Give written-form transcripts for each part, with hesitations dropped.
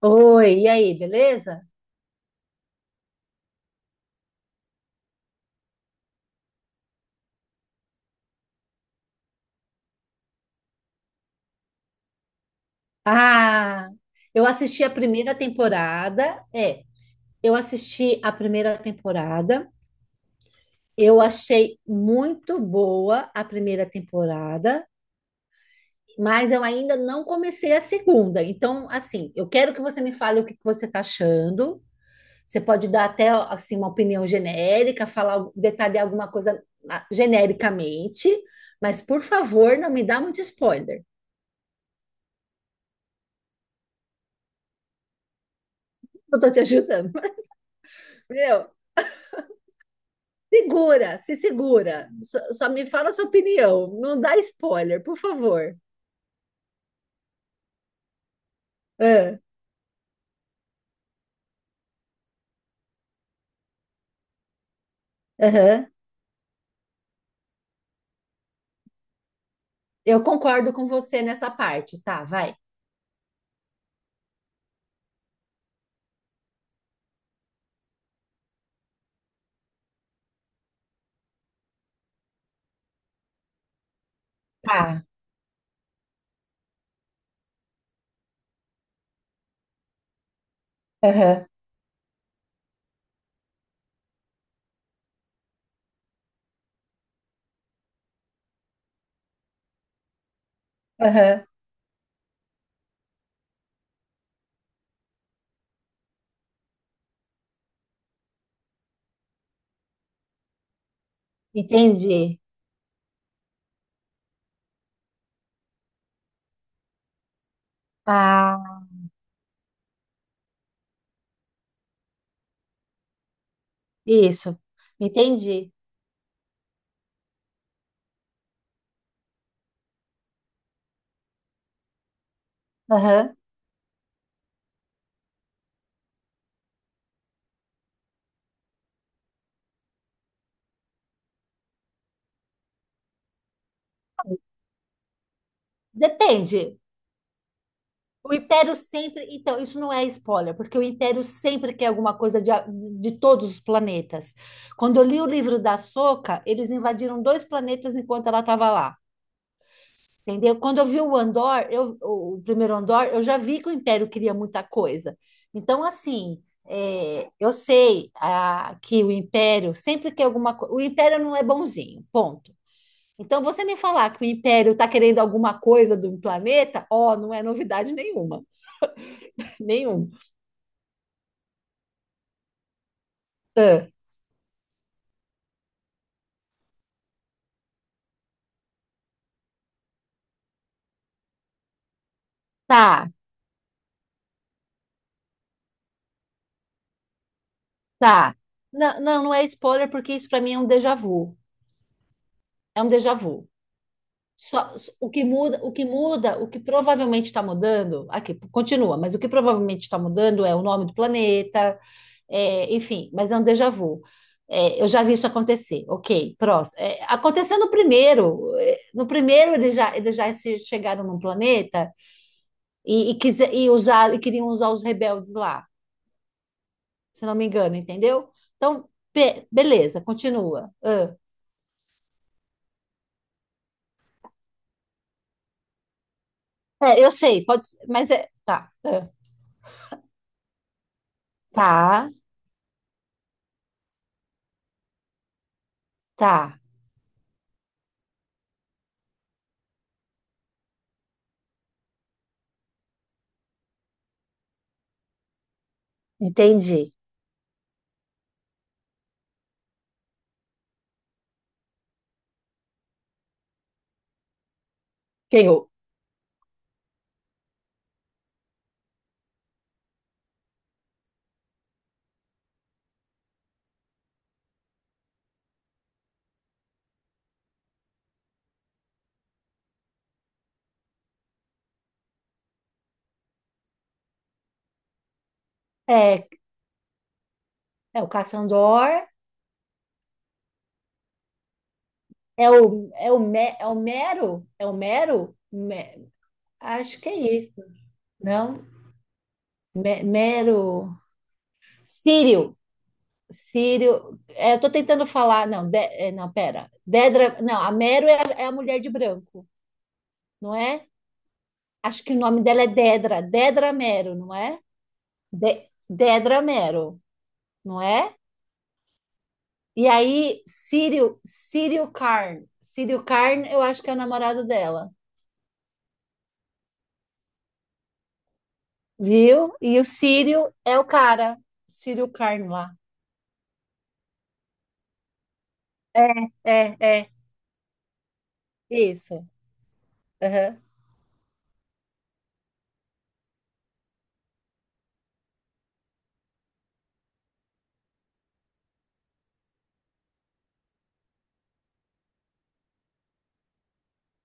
Oi, e aí, beleza? Ah, eu assisti a primeira temporada. Eu assisti a primeira temporada. Eu achei muito boa a primeira temporada, mas eu ainda não comecei a segunda. Então, assim, eu quero que você me fale o que que você está achando. Você pode dar até assim uma opinião genérica, falar, detalhar alguma coisa, genericamente, mas por favor, não me dá muito spoiler. Eu tô te ajudando. Meu. Segura, se segura. Só me fala a sua opinião. Não dá spoiler, por favor. Ah, aham. Eu concordo com você nessa parte. Tá, vai. Ah, aham, aham. Entendi. Ah, isso. Entendi. Aham. Depende. O Império sempre. Então, isso não é spoiler, porque o Império sempre quer alguma coisa de, de todos os planetas. Quando eu li o livro da Soca, eles invadiram dois planetas enquanto ela estava lá. Entendeu? Quando eu vi o Andor, o primeiro Andor, eu já vi que o Império queria muita coisa. Então, assim, é, eu sei, que o Império, sempre que alguma coisa. O Império não é bonzinho, ponto. Então, você me falar que o Império está querendo alguma coisa do planeta, ó, não é novidade nenhuma. Nenhum. Ah, tá, tá. Não, não, não é spoiler, porque isso para mim é um déjà vu. É um déjà vu. Só, o que muda, o que muda, o que provavelmente está mudando, aqui continua, mas o que provavelmente está mudando é o nome do planeta, é, enfim, mas é um déjà vu. É, eu já vi isso acontecer, ok, próximo. É, aconteceu no primeiro, é, no primeiro eles já, chegaram num planeta e, e usar, e queriam usar os rebeldes lá, se não me engano, entendeu? Então, beleza, continua. É, eu sei, pode ser, mas é, tá, tá, entendi. Quem? É, é o Caçandor. É o, é o, é o Mero, acho que é isso, não? Mero, Círio, Círio, é, eu tô tentando falar, não, é, não, pera, Dedra, não, a Mero é, a é a mulher de branco, não é? Acho que o nome dela é Dedra, Dedra Mero, não é? Dedra Mero, não é? E aí, Círio, Círio Carn, Círio Carn, eu acho que é o namorado dela. Viu? E o Círio é o cara. Círio Carmo lá. É, é, é. Isso. Aham.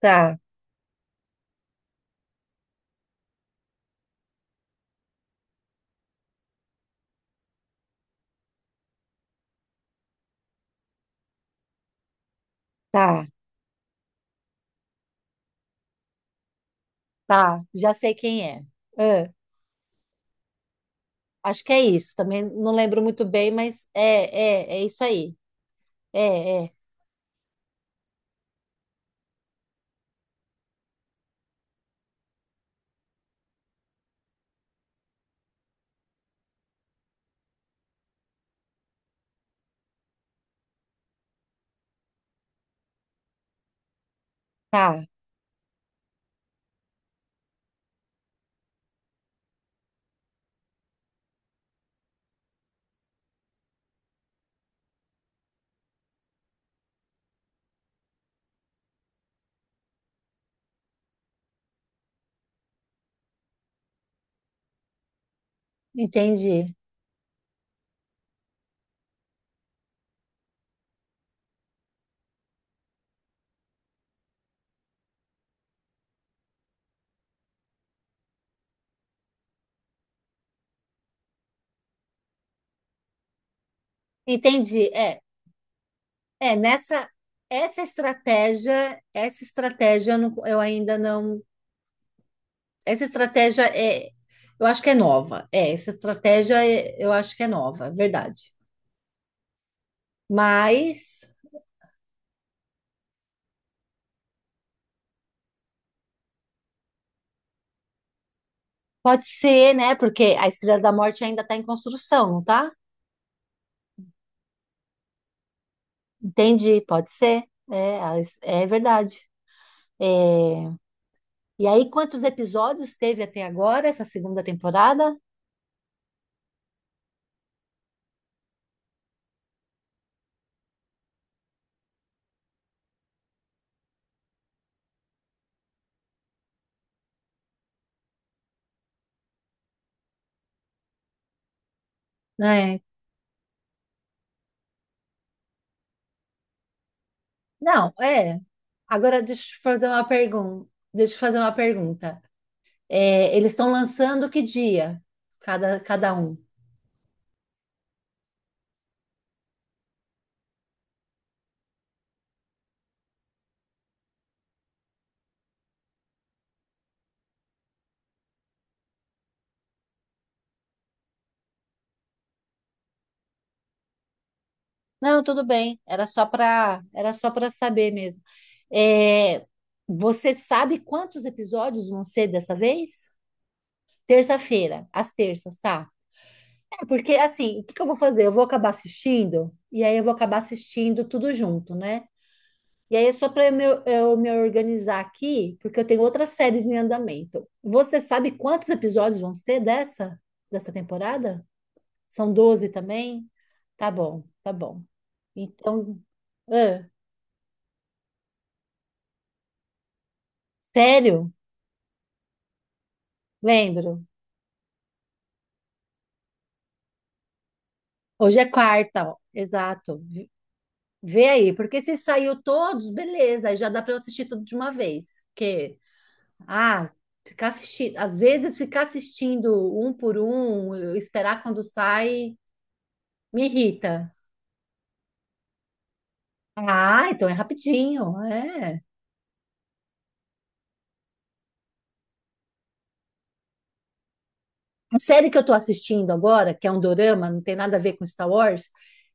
Tá, tá, tá. Já sei quem é. É, acho que é isso. Também não lembro muito bem, mas é, é, é isso aí. É, é. Tá. Entendi. Entendi. É, é. Nessa, essa estratégia eu, eu ainda não. Essa estratégia é. Eu acho que é nova. É, eu acho que é nova, é verdade. Mas pode ser, né? Porque a Estrela da Morte ainda está em construção, não tá? Entendi, pode ser. É, é verdade. É, e aí, quantos episódios teve até agora essa segunda temporada? É. Não, é. Agora deixa eu te fazer uma pergunta. Deixa eu te fazer uma pergunta. É, eles estão lançando que dia? Cada, cada um. Não, tudo bem. Era só para saber mesmo. É, você sabe quantos episódios vão ser dessa vez? Terça-feira, às terças, tá? É, porque assim, o que que eu vou fazer? Eu vou acabar assistindo e aí eu vou acabar assistindo tudo junto, né? E aí é só para eu, eu me organizar aqui, porque eu tenho outras séries em andamento. Você sabe quantos episódios vão ser dessa temporada? São 12 também? Tá bom, tá bom. Então, sério? Lembro. Hoje é quarta, ó. Exato. Vê aí, porque se saiu todos, beleza, aí já dá para eu assistir tudo de uma vez. Porque, ah, ficar assistindo, às vezes ficar assistindo um por um, eu esperar quando sai, me irrita. Ah, então é rapidinho, é. A série que eu tô assistindo agora, que é um dorama, não tem nada a ver com Star Wars,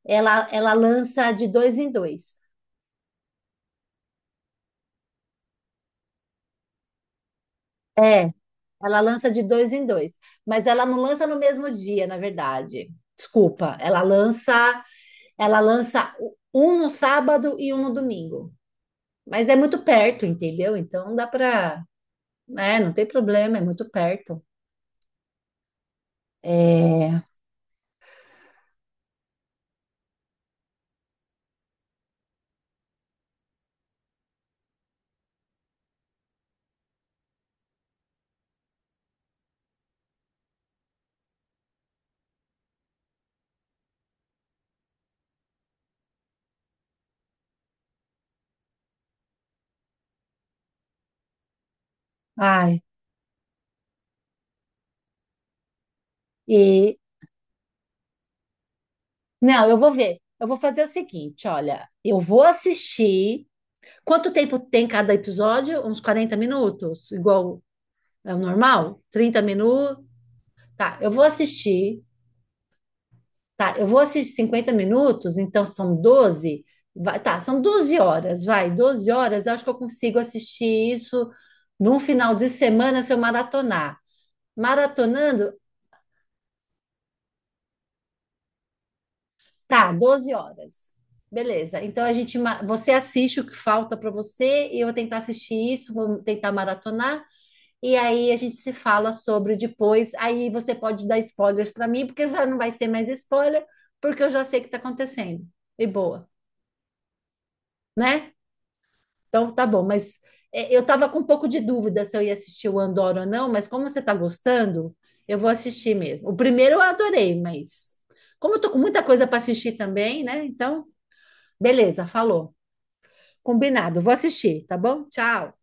ela lança de dois em dois. É. Ela lança de dois em dois, mas ela não lança no mesmo dia, na verdade. Desculpa, ela lança um no sábado e um no domingo. Mas é muito perto, entendeu? Então dá para, é, não tem problema, é muito perto. É, ai, e não, eu vou ver. Eu vou fazer o seguinte, olha, eu vou assistir. Quanto tempo tem cada episódio? Uns 40 minutos, igual é o normal? 30 minutos. Tá, eu vou assistir. Tá, eu vou assistir 50 minutos, então são 12. Vai, tá, são 12 horas, vai, 12 horas. Acho que eu consigo assistir isso num final de semana se eu maratonar. Maratonando, tá, 12 horas. Beleza. Então a gente, você assiste o que falta para você, e eu vou tentar assistir isso, vou tentar maratonar, e aí a gente se fala sobre depois. Aí você pode dar spoilers para mim, porque já não vai ser mais spoiler, porque eu já sei o que está acontecendo. E boa, né? Então, tá bom, mas é, eu estava com um pouco de dúvida se eu ia assistir o Andor ou não, mas como você está gostando, eu vou assistir mesmo. O primeiro eu adorei, mas como eu tô com muita coisa para assistir também, né? Então, beleza, falou. Combinado, vou assistir, tá bom? Tchau.